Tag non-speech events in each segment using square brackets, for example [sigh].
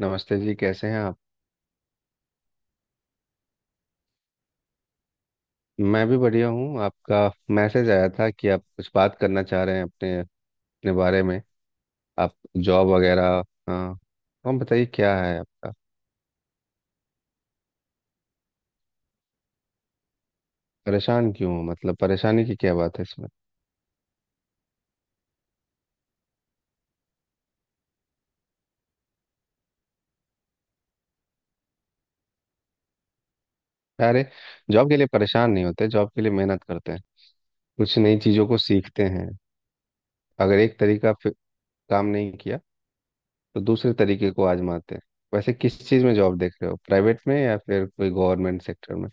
नमस्ते जी, कैसे हैं आप। मैं भी बढ़िया हूँ। आपका मैसेज आया था कि आप कुछ बात करना चाह रहे हैं अपने अपने बारे में। आप जॉब वगैरह। हाँ, हम बताइए क्या है आपका। परेशान क्यों हो, मतलब परेशानी की क्या बात है इसमें। अरे, जॉब के लिए परेशान नहीं होते, जॉब के लिए मेहनत करते हैं। कुछ नई चीज़ों को सीखते हैं। अगर एक तरीका काम नहीं किया तो दूसरे तरीके को आजमाते हैं। वैसे किस चीज़ में जॉब देख रहे हो, प्राइवेट में या फिर कोई गवर्नमेंट सेक्टर में।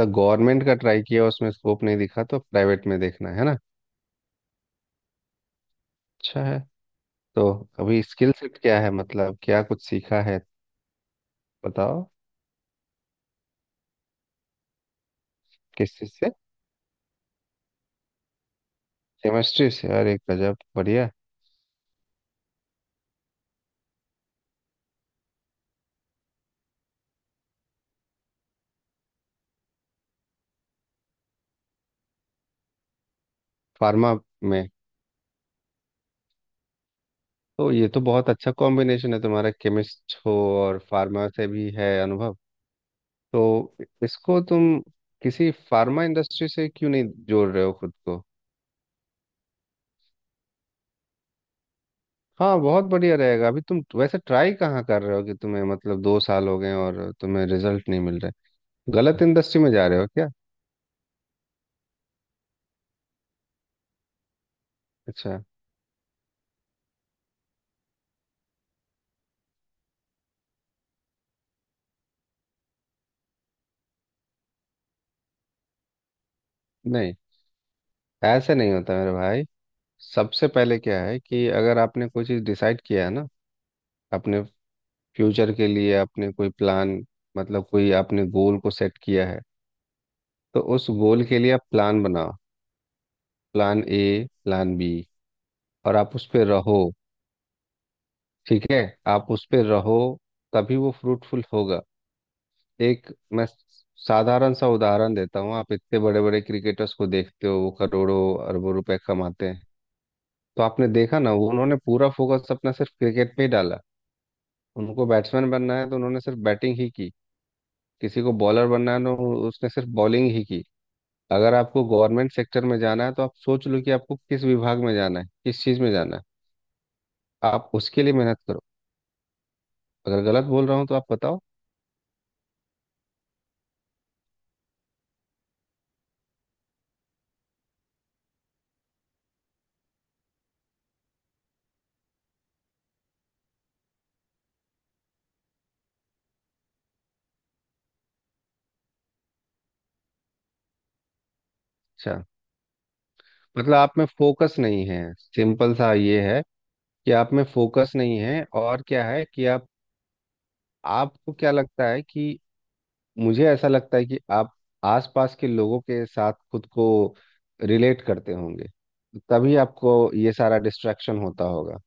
मतलब गवर्नमेंट का ट्राई किया, उसमें स्कोप नहीं दिखा तो प्राइवेट में देखना है ना। अच्छा है। तो अभी स्किल सेट क्या है, मतलब क्या कुछ सीखा है, बताओ। किस चीज से। केमिस्ट्री से, अरे गजब, बढ़िया। फार्मा में। तो ये तो बहुत अच्छा कॉम्बिनेशन है तुम्हारा, केमिस्ट हो और फार्मा से भी है अनुभव। तो इसको तुम किसी फार्मा इंडस्ट्री से क्यों नहीं जोड़ रहे हो खुद को। हाँ बहुत बढ़िया रहेगा। अभी तुम वैसे ट्राई कहाँ कर रहे हो कि तुम्हें, मतलब दो साल हो गए और तुम्हें रिजल्ट नहीं मिल रहा है? गलत इंडस्ट्री में जा रहे हो क्या। अच्छा। नहीं, ऐसे नहीं होता मेरे भाई। सबसे पहले क्या है कि अगर आपने कोई चीज़ डिसाइड किया है ना, अपने फ्यूचर के लिए आपने कोई प्लान, मतलब कोई आपने गोल को सेट किया है, तो उस गोल के लिए आप प्लान बनाओ, प्लान ए, प्लान बी, और आप उस पे रहो। ठीक है, आप उस पे रहो, तभी वो फ्रूटफुल होगा। एक मैं साधारण सा उदाहरण देता हूँ, आप इतने बड़े बड़े क्रिकेटर्स को देखते हो, वो करोड़ों अरबों रुपए कमाते हैं। तो आपने देखा ना, उन्होंने पूरा फोकस अपना सिर्फ क्रिकेट पे ही डाला। उनको बैट्समैन बनना है तो उन्होंने सिर्फ बैटिंग ही की, किसी को बॉलर बनना है तो उसने सिर्फ बॉलिंग ही की। अगर आपको गवर्नमेंट सेक्टर में जाना है तो आप सोच लो कि आपको किस विभाग में जाना है, किस चीज में जाना है, आप उसके लिए मेहनत करो। अगर गलत बोल रहा हूँ तो आप बताओ। अच्छा। मतलब आप में फोकस नहीं है, सिंपल सा ये है कि आप में फोकस नहीं है। और क्या है कि आप, आपको क्या लगता है कि, मुझे ऐसा लगता है कि आप आसपास के लोगों के साथ खुद को रिलेट करते होंगे, तभी आपको ये सारा डिस्ट्रैक्शन होता होगा।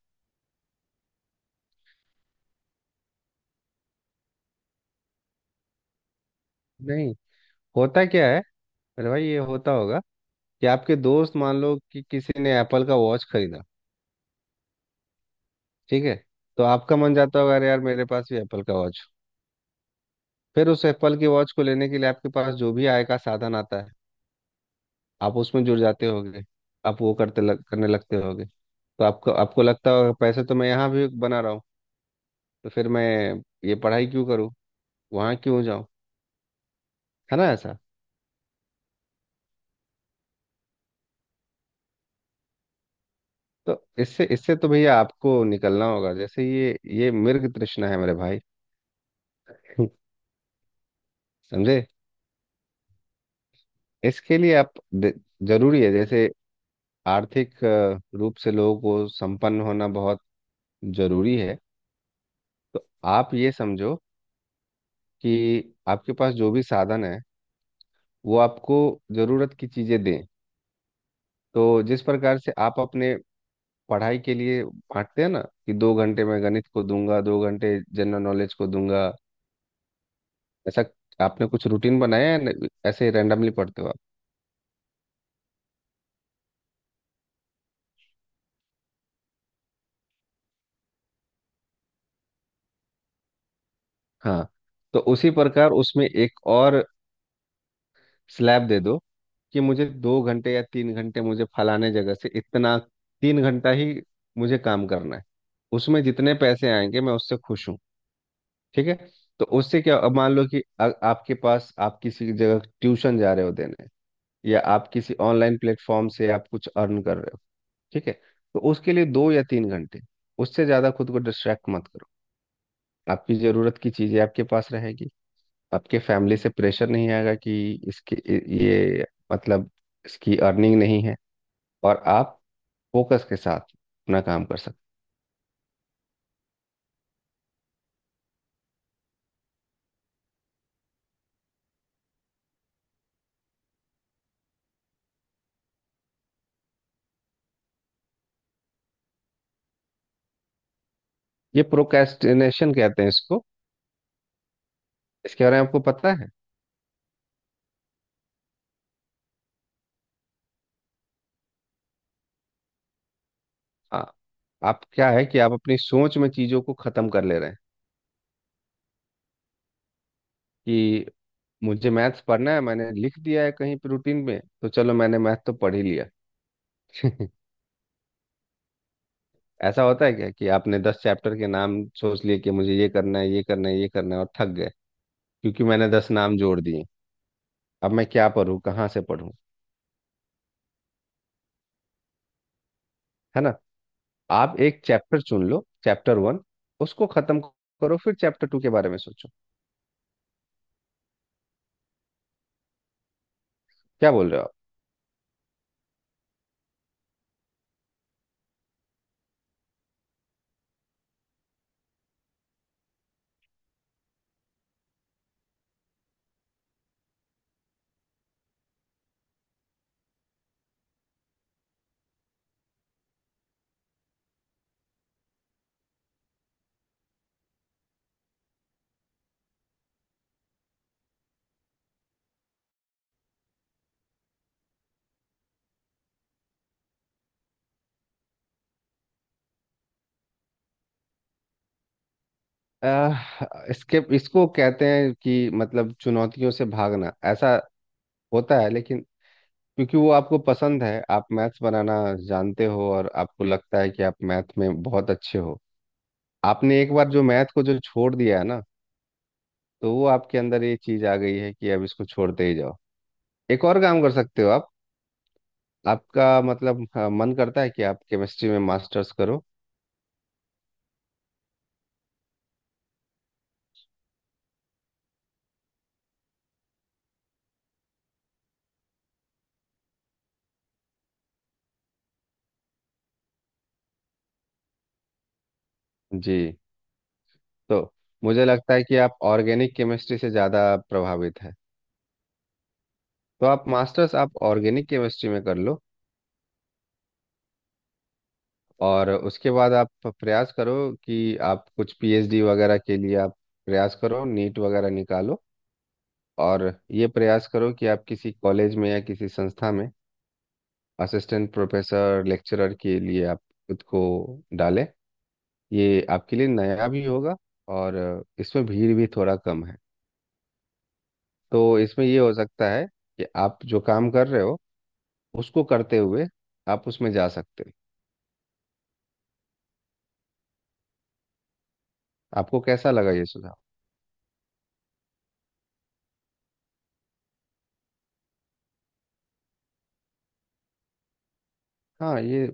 नहीं, होता क्या है, अरे भाई ये होता होगा कि आपके दोस्त, मान लो कि किसी ने एप्पल का वॉच खरीदा, ठीक है, तो आपका मन जाता होगा, अरे यार मेरे पास भी एप्पल का वॉच। फिर उस एप्पल के वॉच को लेने के लिए आपके पास जो भी आय का साधन आता है, आप उसमें जुड़ जाते होगे। आप वो करने लगते होगे। तो आपको आपको लगता होगा पैसे तो मैं यहाँ भी बना रहा हूँ, तो फिर मैं ये पढ़ाई क्यों करूँ, वहाँ क्यों जाऊँ, है ना ऐसा। तो इससे इससे तो भैया आपको निकलना होगा, जैसे ये मृग तृष्णा है मेरे भाई। [laughs] समझे। इसके लिए आप जरूरी है, जैसे आर्थिक रूप से लोगों को संपन्न होना बहुत जरूरी है। आप ये समझो कि आपके पास जो भी साधन है, वो आपको जरूरत की चीजें दें। तो जिस प्रकार से आप अपने पढ़ाई के लिए बांटते हैं ना, कि दो घंटे मैं गणित को दूंगा, दो घंटे जनरल नॉलेज को दूंगा, ऐसा आपने कुछ रूटीन बनाया है ऐसे रैंडमली पढ़ते हो आप। हाँ, तो उसी प्रकार उसमें एक और स्लैब दे दो, कि मुझे दो घंटे या तीन घंटे, मुझे फलाने जगह से इतना, तीन घंटा ही मुझे काम करना है, उसमें जितने पैसे आएंगे मैं उससे खुश हूँ। ठीक है। तो उससे क्या, अब मान लो कि आपके पास, आप किसी जगह ट्यूशन जा रहे हो देने, या आप किसी ऑनलाइन प्लेटफॉर्म से आप कुछ अर्न कर रहे हो, ठीक है, तो उसके लिए दो या तीन घंटे, उससे ज़्यादा खुद को डिस्ट्रैक्ट मत करो। आपकी ज़रूरत की चीज़ें आपके पास रहेगी, आपके फैमिली से प्रेशर नहीं आएगा कि इसके, ये, मतलब इसकी अर्निंग नहीं है, और आप फोकस के साथ अपना काम कर सकते। ये प्रोक्रेस्टिनेशन कहते हैं इसको, इसके बारे में आपको पता है। हाँ। आप, क्या है कि आप अपनी सोच में चीज़ों को ख़त्म कर ले रहे हैं, कि मुझे मैथ्स पढ़ना है, मैंने लिख दिया है कहीं पे रूटीन में, तो चलो मैंने मैथ तो पढ़ ही लिया। [laughs] ऐसा होता है क्या कि आपने दस चैप्टर के नाम सोच लिए, कि मुझे ये करना है, ये करना है, ये करना है, और थक गए, क्योंकि मैंने दस नाम जोड़ दिए। अब मैं क्या पढूं, कहाँ से पढूं, है ना। आप एक चैप्टर चुन लो, चैप्टर वन, उसको खत्म करो, फिर चैप्टर टू के बारे में सोचो। क्या बोल रहे हो आप। इसके, इसको कहते हैं कि, मतलब चुनौतियों से भागना, ऐसा होता है। लेकिन क्योंकि वो आपको पसंद है, आप मैथ्स बनाना जानते हो और आपको लगता है कि आप मैथ में बहुत अच्छे हो। आपने एक बार जो मैथ को जो छोड़ दिया है ना, तो वो आपके अंदर ये चीज आ गई है कि अब इसको छोड़ते ही जाओ। एक और काम कर सकते हो आप। आपका मतलब, हाँ, मन करता है कि आप केमिस्ट्री में मास्टर्स करो। जी। तो मुझे लगता है कि आप ऑर्गेनिक केमिस्ट्री से ज़्यादा प्रभावित हैं। तो आप मास्टर्स आप ऑर्गेनिक केमिस्ट्री में कर लो, और उसके बाद आप प्रयास करो कि आप कुछ पीएचडी वगैरह के लिए आप प्रयास करो, नीट वगैरह निकालो। और ये प्रयास करो कि आप किसी कॉलेज में या किसी संस्था में असिस्टेंट प्रोफेसर, लेक्चरर के लिए आप खुद को डालें। ये आपके लिए नया भी होगा, और इसमें भीड़ भी थोड़ा कम है। तो इसमें ये हो सकता है कि आप जो काम कर रहे हो, उसको करते हुए आप उसमें जा सकते हो। आपको कैसा लगा ये सुझाव। हाँ, ये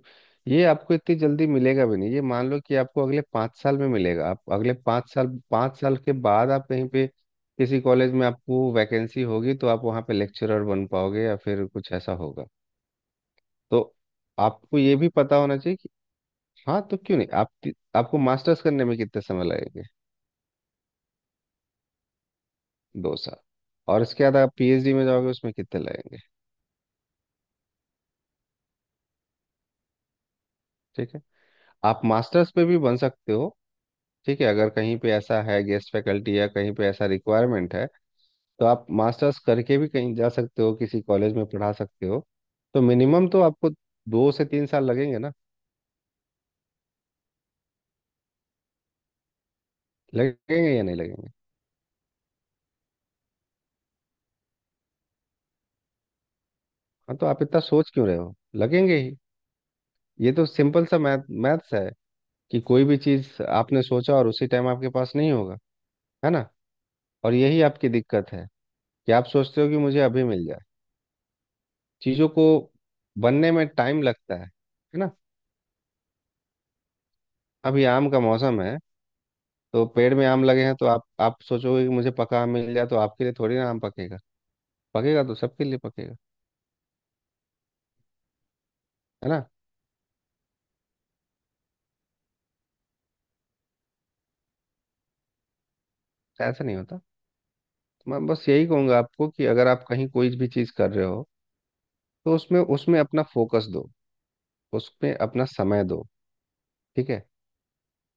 ये आपको इतनी जल्दी मिलेगा भी नहीं, ये मान लो कि आपको अगले पाँच साल में मिलेगा। आप अगले पाँच साल, पाँच साल के बाद आप कहीं पे किसी कॉलेज में आपको वैकेंसी होगी तो आप वहाँ पे लेक्चरर बन पाओगे, या फिर कुछ ऐसा होगा, तो आपको ये भी पता होना चाहिए। हाँ, तो क्यों नहीं आप, आपको मास्टर्स करने में कितने समय लगेंगे। दो साल। और इसके बाद आप पीएचडी में जाओगे, उसमें कितने लगेंगे। ठीक है। आप मास्टर्स पे भी बन सकते हो, ठीक है, अगर कहीं पे ऐसा है गेस्ट फैकल्टी या कहीं पे ऐसा रिक्वायरमेंट है, तो आप मास्टर्स करके भी कहीं जा सकते हो, किसी कॉलेज में पढ़ा सकते हो। तो मिनिमम तो आपको दो से तीन साल लगेंगे ना, लगेंगे या नहीं लगेंगे। हाँ, तो आप इतना सोच क्यों रहे हो, लगेंगे ही। ये तो सिंपल सा मैथ्स है, कि कोई भी चीज़ आपने सोचा और उसी टाइम आपके पास नहीं होगा, है ना। और यही आपकी दिक्कत है कि आप सोचते हो कि मुझे अभी मिल जाए। चीज़ों को बनने में टाइम लगता है ना। अभी आम का मौसम है, तो पेड़ में आम लगे हैं, तो आप सोचोगे कि मुझे पका आम मिल जाए, तो आपके लिए थोड़ी ना आम पकेगा, पकेगा तो सबके लिए पकेगा, है ना। ऐसा नहीं होता। मैं बस यही कहूंगा आपको कि अगर आप कहीं कोई भी चीज़ कर रहे हो, तो उसमें उसमें अपना फोकस दो, उसमें अपना समय दो, ठीक है।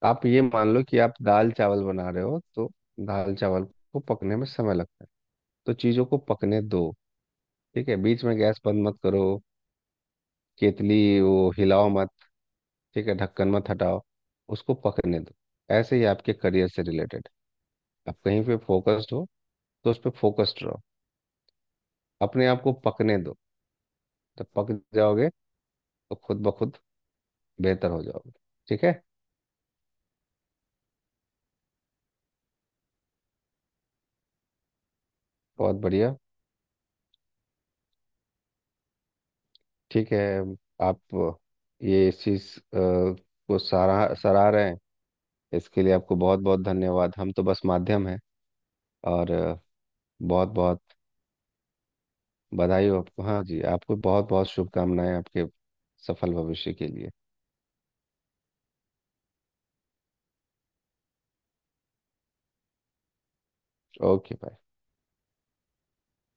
आप ये मान लो कि आप दाल चावल बना रहे हो, तो दाल चावल को पकने में समय लगता है, तो चीज़ों को पकने दो, ठीक है, बीच में गैस बंद मत करो, केतली वो हिलाओ मत, ठीक है, ढक्कन मत हटाओ, उसको पकने दो। ऐसे ही आपके करियर से रिलेटेड, आप कहीं पे फोकस्ड हो तो उस पर फोकस्ड रहो, अपने आप को पकने दो, जब पक जाओगे तो खुद ब खुद बेहतर हो जाओगे, ठीक है। बहुत बढ़िया, ठीक है। आप ये इस चीज़ को सराह सराह रहे हैं, इसके लिए आपको बहुत बहुत धन्यवाद, हम तो बस माध्यम हैं। और बहुत बहुत बधाई हो आपको। हाँ जी, आपको बहुत बहुत शुभकामनाएं आपके सफल भविष्य के लिए। Okay bye.